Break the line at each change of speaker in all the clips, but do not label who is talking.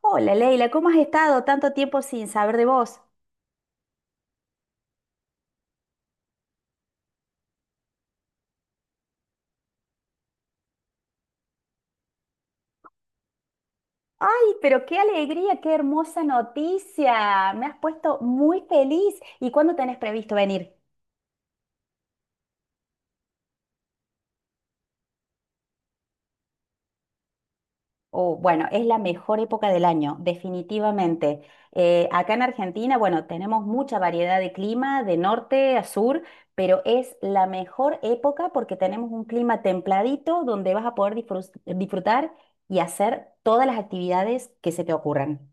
Hola Leila, ¿cómo has estado tanto tiempo sin saber de vos? Ay, pero qué alegría, qué hermosa noticia. Me has puesto muy feliz. ¿Y cuándo tenés previsto venir? Oh, bueno, es la mejor época del año, definitivamente. Acá en Argentina, bueno, tenemos mucha variedad de clima, de norte a sur, pero es la mejor época porque tenemos un clima templadito donde vas a poder disfrutar y hacer todas las actividades que se te ocurran.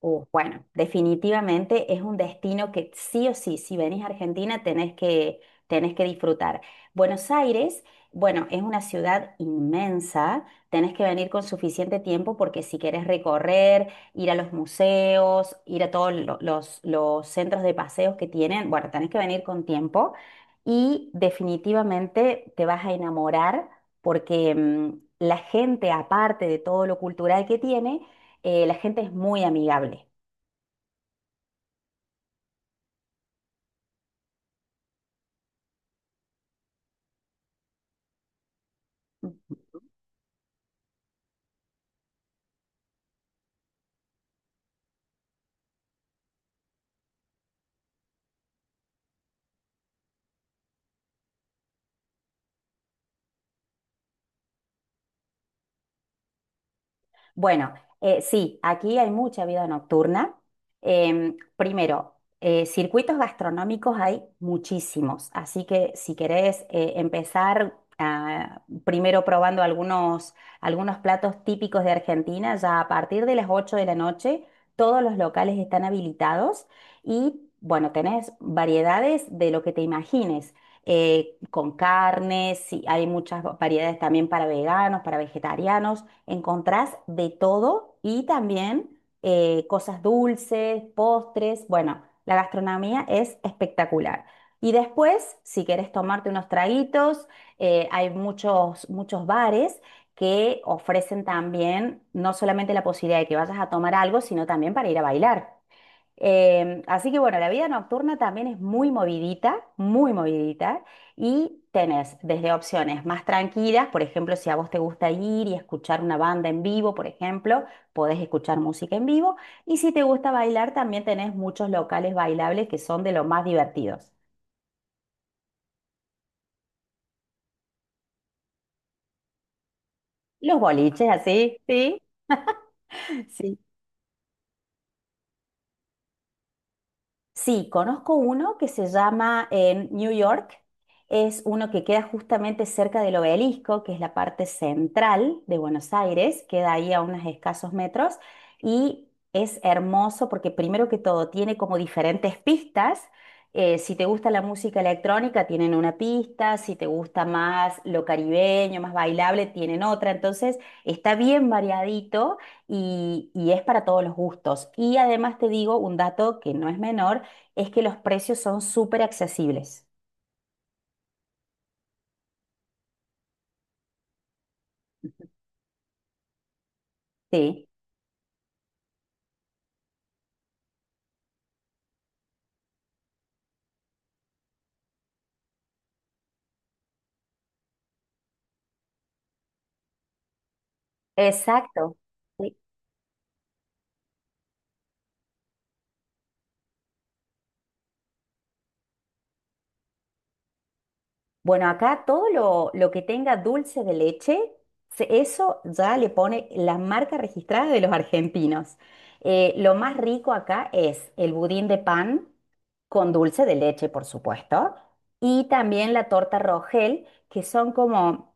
Bueno, definitivamente es un destino que sí o sí, si venís a Argentina tenés que disfrutar. Buenos Aires, bueno, es una ciudad inmensa, tenés que venir con suficiente tiempo porque si querés recorrer, ir a los museos, ir a todos los centros de paseos que tienen, bueno, tenés que venir con tiempo y definitivamente te vas a enamorar porque la gente, aparte de todo lo cultural que tiene, la gente es muy amigable. Bueno, sí, aquí hay mucha vida nocturna. Primero, circuitos gastronómicos hay muchísimos, así que si querés empezar primero probando algunos platos típicos de Argentina, ya a partir de las 8 de la noche todos los locales están habilitados y bueno, tenés variedades de lo que te imagines. Con carnes, sí, hay muchas variedades también para veganos, para vegetarianos, encontrás de todo y también cosas dulces, postres, bueno, la gastronomía es espectacular. Y después, si querés tomarte unos traguitos, hay muchos bares que ofrecen también no solamente la posibilidad de que vayas a tomar algo, sino también para ir a bailar. Así que bueno, la vida nocturna también es muy movidita, y tenés desde opciones más tranquilas, por ejemplo, si a vos te gusta ir y escuchar una banda en vivo, por ejemplo, podés escuchar música en vivo, y si te gusta bailar, también tenés muchos locales bailables que son de los más divertidos. Los boliches, así, sí, sí. Sí, conozco uno que se llama en New York. Es uno que queda justamente cerca del obelisco, que es la parte central de Buenos Aires, queda ahí a unos escasos metros y es hermoso porque primero que todo tiene como diferentes pistas. Si te gusta la música electrónica, tienen una pista, si te gusta más lo caribeño, más bailable, tienen otra. Entonces está bien variadito y es para todos los gustos. Y además te digo un dato que no es menor es que los precios son súper accesibles. Sí, exacto. Bueno, acá todo lo que tenga dulce de leche, eso ya le pone la marca registrada de los argentinos. Lo más rico acá es el budín de pan con dulce de leche, por supuesto, y también la torta Rogel, que son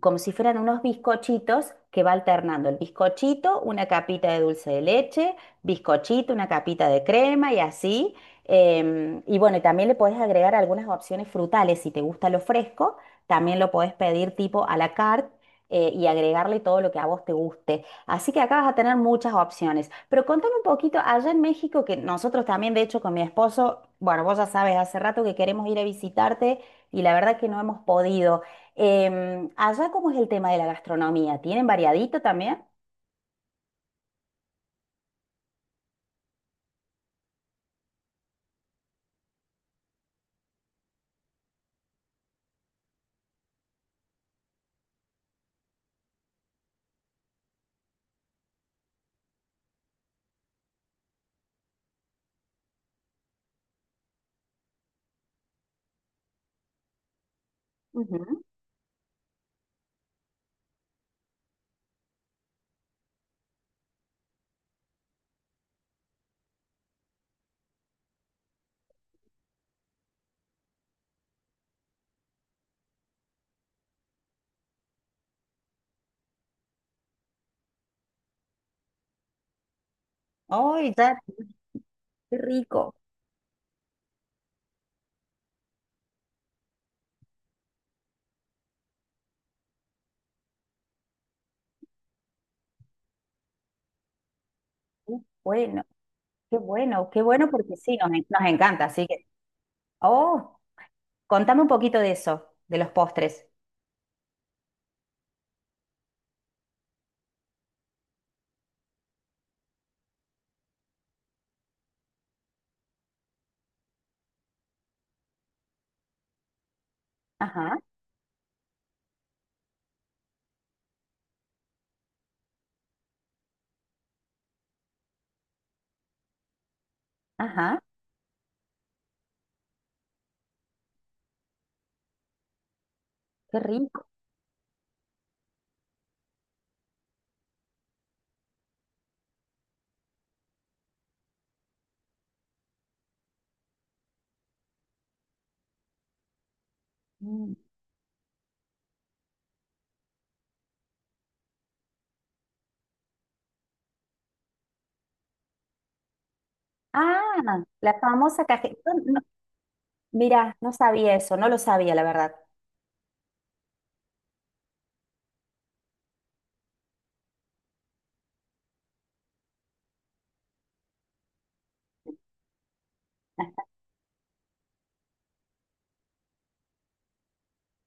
como si fueran unos bizcochitos que va alternando el bizcochito, una capita de dulce de leche, bizcochito, una capita de crema y así. Y bueno, y también le podés agregar algunas opciones frutales. Si te gusta lo fresco, también lo podés pedir tipo a la carte y agregarle todo lo que a vos te guste. Así que acá vas a tener muchas opciones. Pero contame un poquito, allá en México, que nosotros también, de hecho, con mi esposo, bueno, vos ya sabes, hace rato que queremos ir a visitarte y la verdad que no hemos podido. Allá, ¿cómo es el tema de la gastronomía? ¿Tienen variadito también? Ujú. ¡Ay, ya! ¡Qué rico! Qué bueno. Qué bueno, qué bueno porque sí, nos encanta. Así que, oh, contame un poquito de eso, de los postres. Ajá, ajá, qué rico. Mm. Ah, la famosa cajeta. Mira, no sabía eso, no lo sabía, la verdad.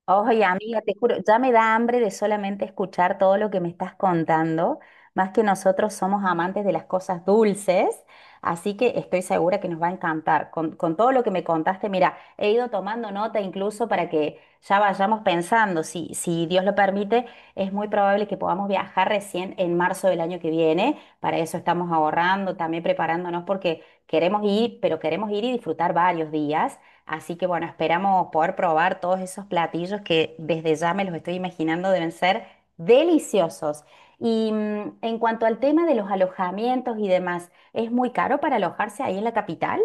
Oye, amiga, te juro, ya me da hambre de solamente escuchar todo lo que me estás contando, más que nosotros somos amantes de las cosas dulces, así que estoy segura que nos va a encantar. Con todo lo que me contaste, mira, he ido tomando nota incluso para que ya vayamos pensando, si Dios lo permite, es muy probable que podamos viajar recién en marzo del año que viene, para eso estamos ahorrando, también preparándonos porque queremos ir, pero queremos ir y disfrutar varios días. Así que bueno, esperamos poder probar todos esos platillos que desde ya me los estoy imaginando deben ser deliciosos. Y en cuanto al tema de los alojamientos y demás, ¿es muy caro para alojarse ahí en la capital?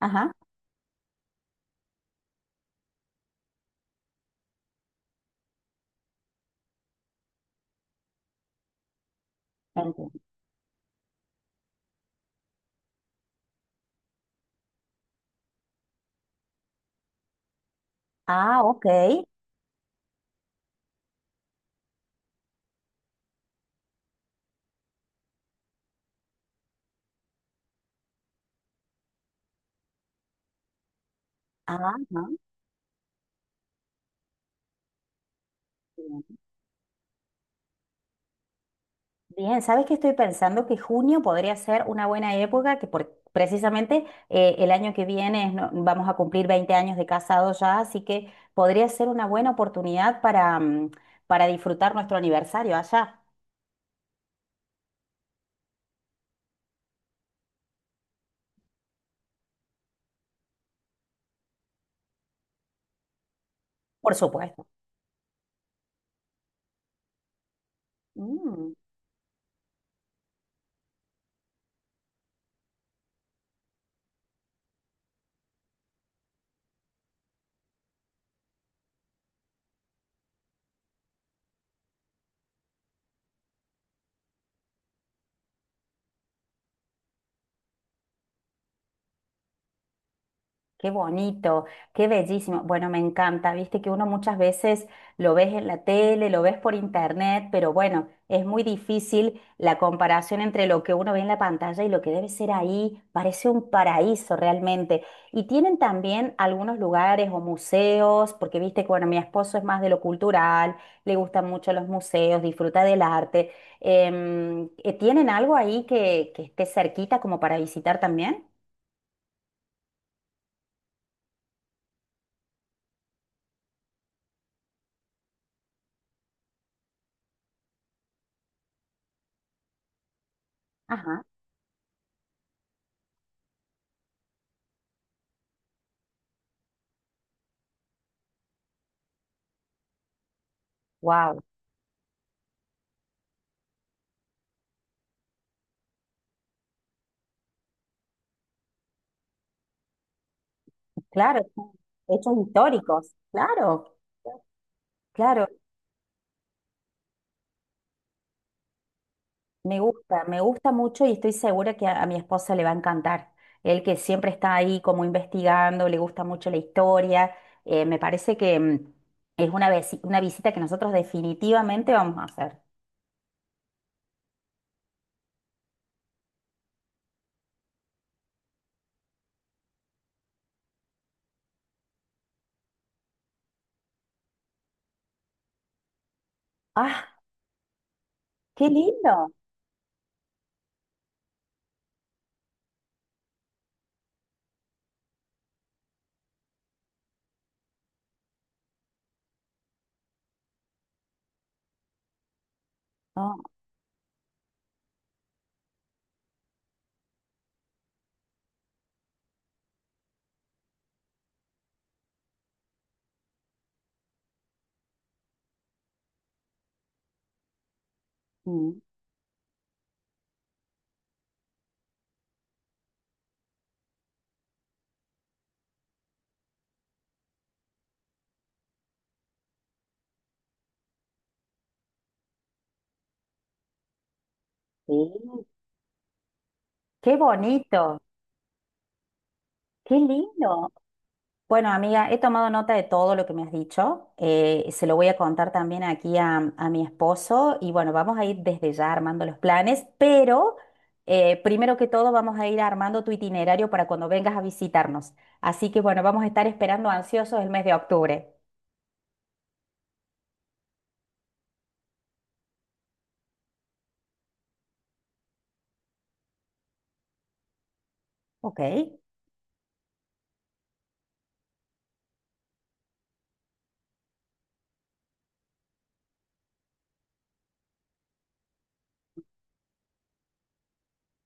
Ajá. Entiendo. Ah, ok. Ah, ajá. Bien, ¿sabes qué estoy pensando? Que junio podría ser una buena época, que precisamente el año que viene es vamos a cumplir 20 años de casados ya, así que podría ser una buena oportunidad para, para disfrutar nuestro aniversario allá, por supuesto. Mm. Qué bonito, qué bellísimo. Bueno, me encanta, viste que uno muchas veces lo ves en la tele, lo ves por internet, pero bueno, es muy difícil la comparación entre lo que uno ve en la pantalla y lo que debe ser ahí. Parece un paraíso realmente. Y tienen también algunos lugares o museos, porque viste que, bueno, mi esposo es más de lo cultural, le gustan mucho los museos, disfruta del arte. ¿Tienen algo ahí que esté cerquita como para visitar también? Ajá, wow. Claro, son hechos históricos, claro. Claro, me gusta mucho y estoy segura que a mi esposa le va a encantar. Él que siempre está ahí como investigando, le gusta mucho la historia. Me parece que es una, una visita que nosotros definitivamente vamos a hacer. ¡Ah, qué lindo! Oh, mm, sí, ¡qué bonito! ¡Qué lindo! Bueno, amiga, he tomado nota de todo lo que me has dicho. Se lo voy a contar también aquí a mi esposo y bueno, vamos a ir desde ya armando los planes, pero primero que todo vamos a ir armando tu itinerario para cuando vengas a visitarnos. Así que bueno, vamos a estar esperando ansiosos el mes de octubre. Ok,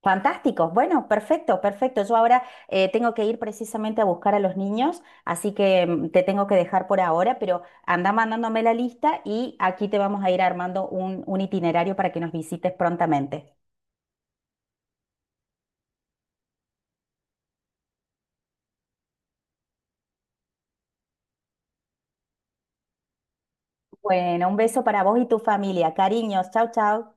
fantástico. Bueno, perfecto, perfecto. Yo ahora tengo que ir precisamente a buscar a los niños, así que te tengo que dejar por ahora, pero anda mandándome la lista y aquí te vamos a ir armando un itinerario para que nos visites prontamente. Bueno, un beso para vos y tu familia. Cariños. Chau, chau.